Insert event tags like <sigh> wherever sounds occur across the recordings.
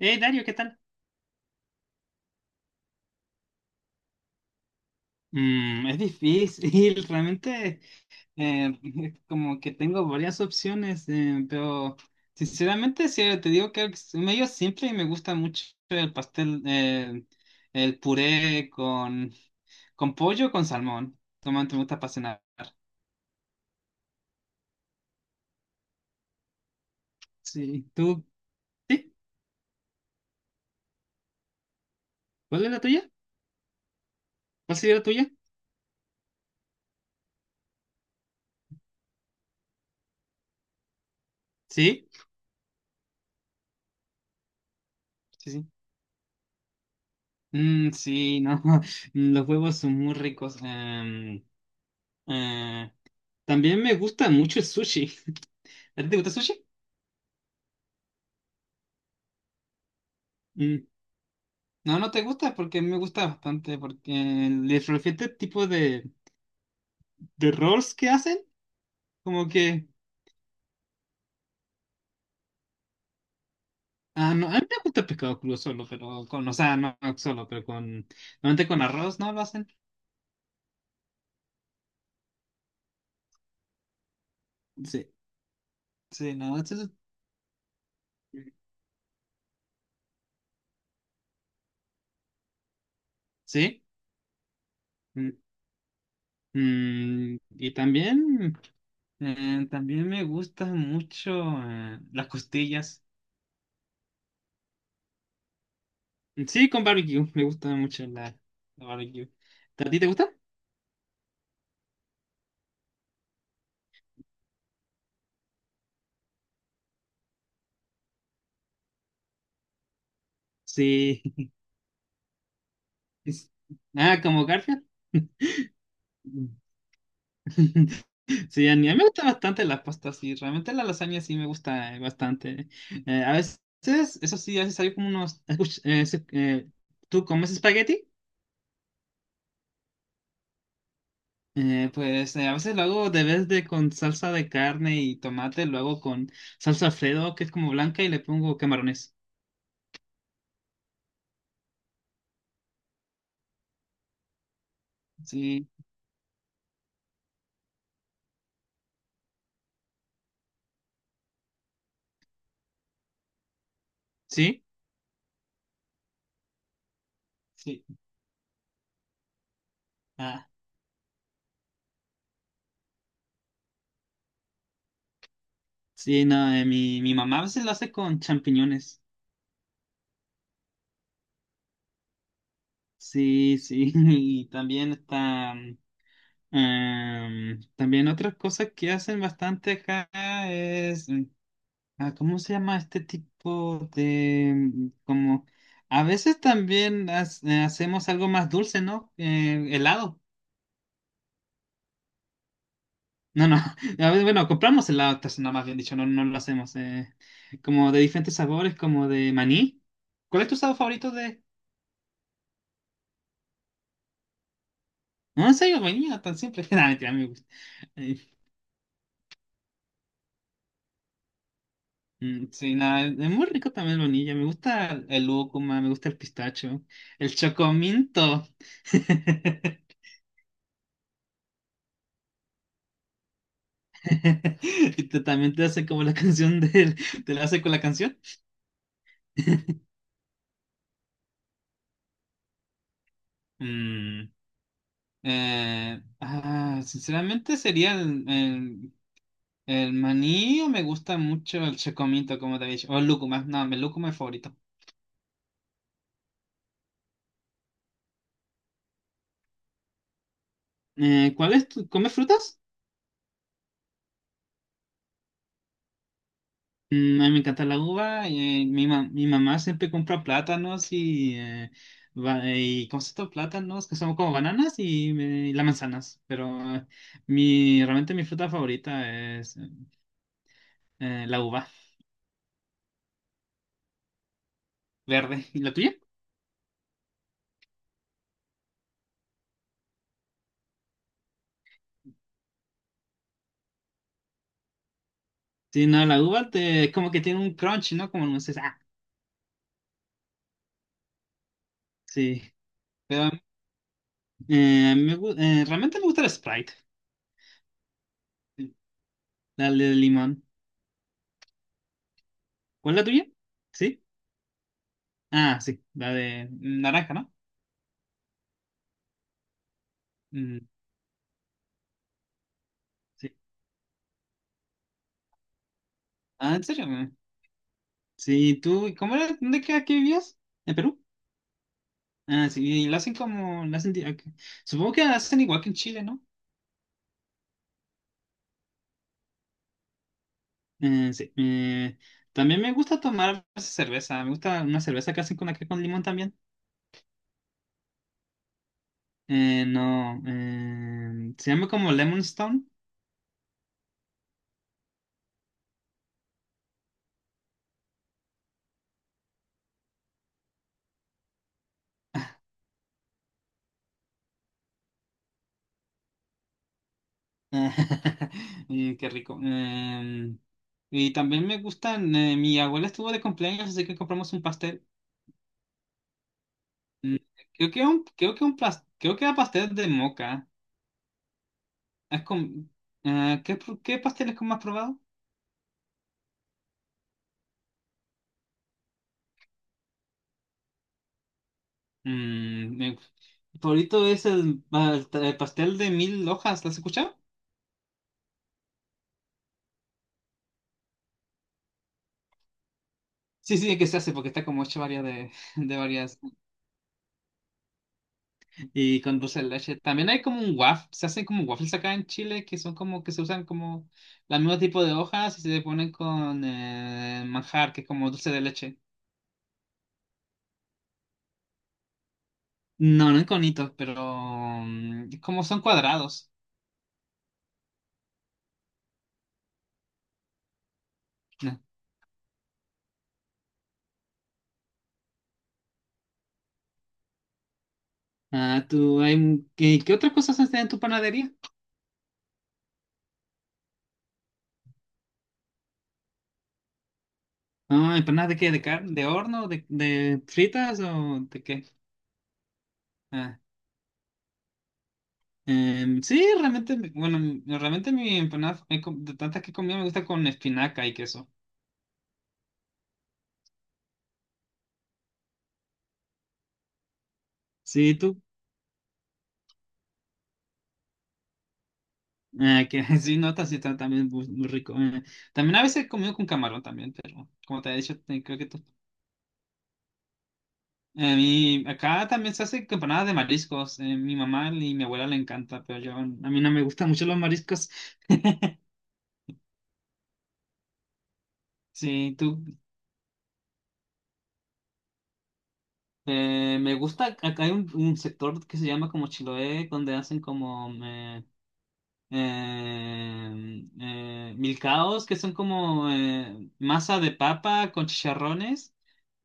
Dario, ¿qué tal? Mm, es difícil, <laughs> realmente eh, <laughs> como que tengo varias opciones, pero sinceramente si te digo que es medio simple y me gusta mucho el pastel, el puré con pollo o con salmón. Toma, me gusta apasionar. Sí, ¿tú? ¿Sí? ¿Cuál es la tuya? ¿Cuál sería la tuya? Sí, sí, sí. Mm, sí, no, <laughs> los huevos son muy ricos. Eh, también me gusta mucho el sushi. <laughs> ¿A ti te gusta el sushi? Mm, no, no te gusta porque a mí me gusta bastante, porque les refiero el tipo de rolls que hacen, como que... Ah, no, a mí me gusta el pescado crudo solo, pero con, o sea, no solo, pero con, normalmente con arroz, ¿no? Lo hacen. Sí, sí, no, eso es- sí. Mm, mm, y también... también me gustan mucho las costillas. Sí, con barbecue. Me gusta mucho la, la barbecue. ¿A ti te gusta? Sí. <laughs> Es- Ah, como Garfield. Mm. <laughs> Sí, a mí me gusta bastante las pastas. Sí, realmente la lasaña sí me gusta bastante. A veces, eso sí, a veces hay como unos... escuch- se- ¿tú comes espagueti? Pues a veces lo hago de vez de con salsa de carne y tomate, lo hago con salsa Alfredo, que es como blanca, y le pongo camarones. Sí, sí, sí. Ah, sí, no, mi mamá a veces lo hace con champiñones. Sí, sí, <laughs> y también está... también otra cosa que hacen bastante acá es... mm, ah, ¿cómo se llama este tipo de... mm, como... A veces también hace- hacemos algo más dulce, ¿no? Helado. No, no. <laughs> A ver, bueno, compramos helado artesanal, más bien dicho, no, no lo hacemos. Como de diferentes sabores, como de maní. ¿Cuál es tu sabor favorito de...? No, en serio, vainilla, tan simple. <laughs> Nada, mentira, a mí me gusta. Eh, mm, sí, nada, es muy rico también la vainilla. Me gusta el lúcuma, me gusta el pistacho, el chocominto. <laughs> Y te- también te hace como la canción del... ¿Te la hace con la canción? <laughs> Mm, ah, sinceramente sería el maní. Me gusta mucho el chocomito, como te había dicho. O el lúcuma, no, el lúcuma es favorito. ¿Cuál es tu- ¿comes frutas? Mm, a mí me encanta la uva. Ma- mi mamá siempre compra plátanos y, ba- y ¿cómo se llama? Plátanos que son como bananas y, me- las manzanas. Pero realmente mi fruta favorita es la uva verde. ¿Y la tuya? Sí, no, la uva te, como que tiene un crunch, ¿no? Como no sé, ah, sí. Pero me, gu- realmente me gusta el Sprite. La de limón. ¿Cuál es la tuya? ¿Sí? Ah, sí. La de naranja, ¿no? Mm, sí. Ah, ¿en serio? Mm. Sí, tú, ¿cómo era? ¿Dónde que aquí vivías? ¿En Perú? Ah, sí, y la hacen como, la hacen, di- ok. Supongo que la hacen igual que en Chile, ¿no? Sí. También me gusta tomar a veces cerveza. Me gusta una cerveza que hacen con acá con limón también. No, se llama como Lemon Stone. <laughs> Mm, qué rico. Y también me gustan, mi abuela estuvo de cumpleaños, así que compramos un pastel. Mm, creo que un plas- creo que era pastel de moca. Es con, ¿qué, pro- qué pasteles como has probado? Mm, mi favorito es el, pa- el pastel de mil hojas, ¿lo has escuchado? Sí, sí, que se hace porque está como hecho varias de, <laughs> de varias y con dulce de leche. También hay como un waffle, se hacen como waffles acá en Chile que son como que se usan como el mismo tipo de hojas y se le ponen con manjar, que es como dulce de leche. No, no en conitos, pero mm, es como son cuadrados. No. Ah, tú, hay, un- ¿qué, qué otras cosas hacen en tu panadería? Ah, ¿empanadas de qué? ¿De carne? ¿De horno? De fritas? ¿O de qué? Ah, sí, realmente, mi- bueno, mi- realmente mi empanada, com- de tantas que he comido, me gusta con espinaca y queso. Sí, tú. Ah, que <laughs> sí, notas y está también muy, muy rico. También a veces he comido con camarón también, pero como te he dicho, te- creo que tú a mí, acá también se hace empanadas de mariscos. Mi mamá y mi abuela le encanta, pero yo, a mí no me gustan mucho los mariscos. Sí, tú, me gusta, acá hay un sector que se llama como Chiloé, donde hacen como milcaos, que son como masa de papa con chicharrones.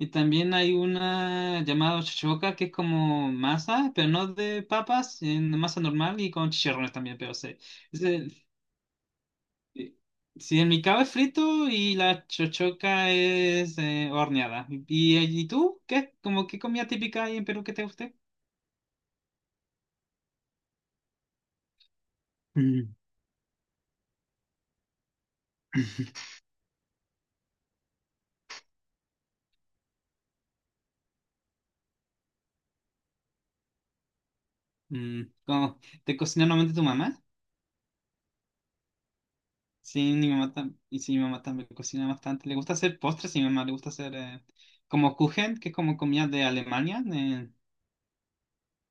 Y también hay una llamada chochoca, que es como masa, pero no de papas, en masa normal y con chicharrones también, pero se... Sí, sí, el micao es frito y la chochoca es horneada. Y tú? ¿Qué? ¿Cómo qué comida típica hay en Perú que te guste? Mm. Mm, ¿cómo? ¿Te cocina normalmente tu mamá? Sí, mi mamá tam- y sí, mi mamá también cocina bastante. Le gusta hacer postres, y mi mamá le gusta hacer como Kuchen, que es como comida de Alemania. Eh,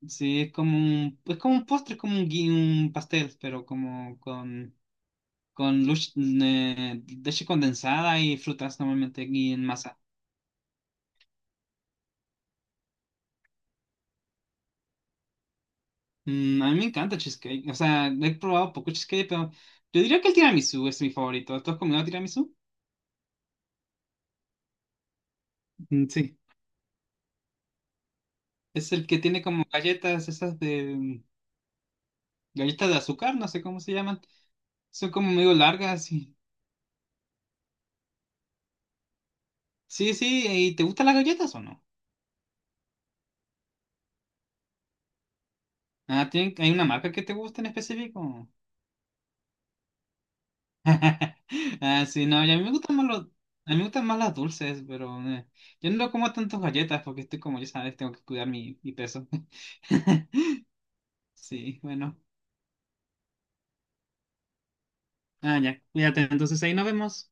sí, es como un postre, es como un, gui- un pastel, pero como con lush- leche condensada y frutas normalmente y en masa. Mm, a mí me encanta cheesecake. O sea, he probado poco cheesecake, pero yo diría que el tiramisú es mi favorito. ¿Tú has comido tiramisú? Mm, sí, es el que tiene como galletas, esas de mm, galletas de azúcar, no sé cómo se llaman. Son como medio largas y... Sí, sí, ¿y te gustan las galletas o no? Ah, ¿tienen- ¿hay una marca que te gusta en específico? <laughs> Ah, sí, no, y a mí me gustan más los, a mí me gustan más las dulces, pero yo no como tantas galletas porque estoy como, ya sabes, tengo que cuidar mi, mi peso. <laughs> Sí, bueno. Ah, ya, cuídate. Entonces ahí nos vemos.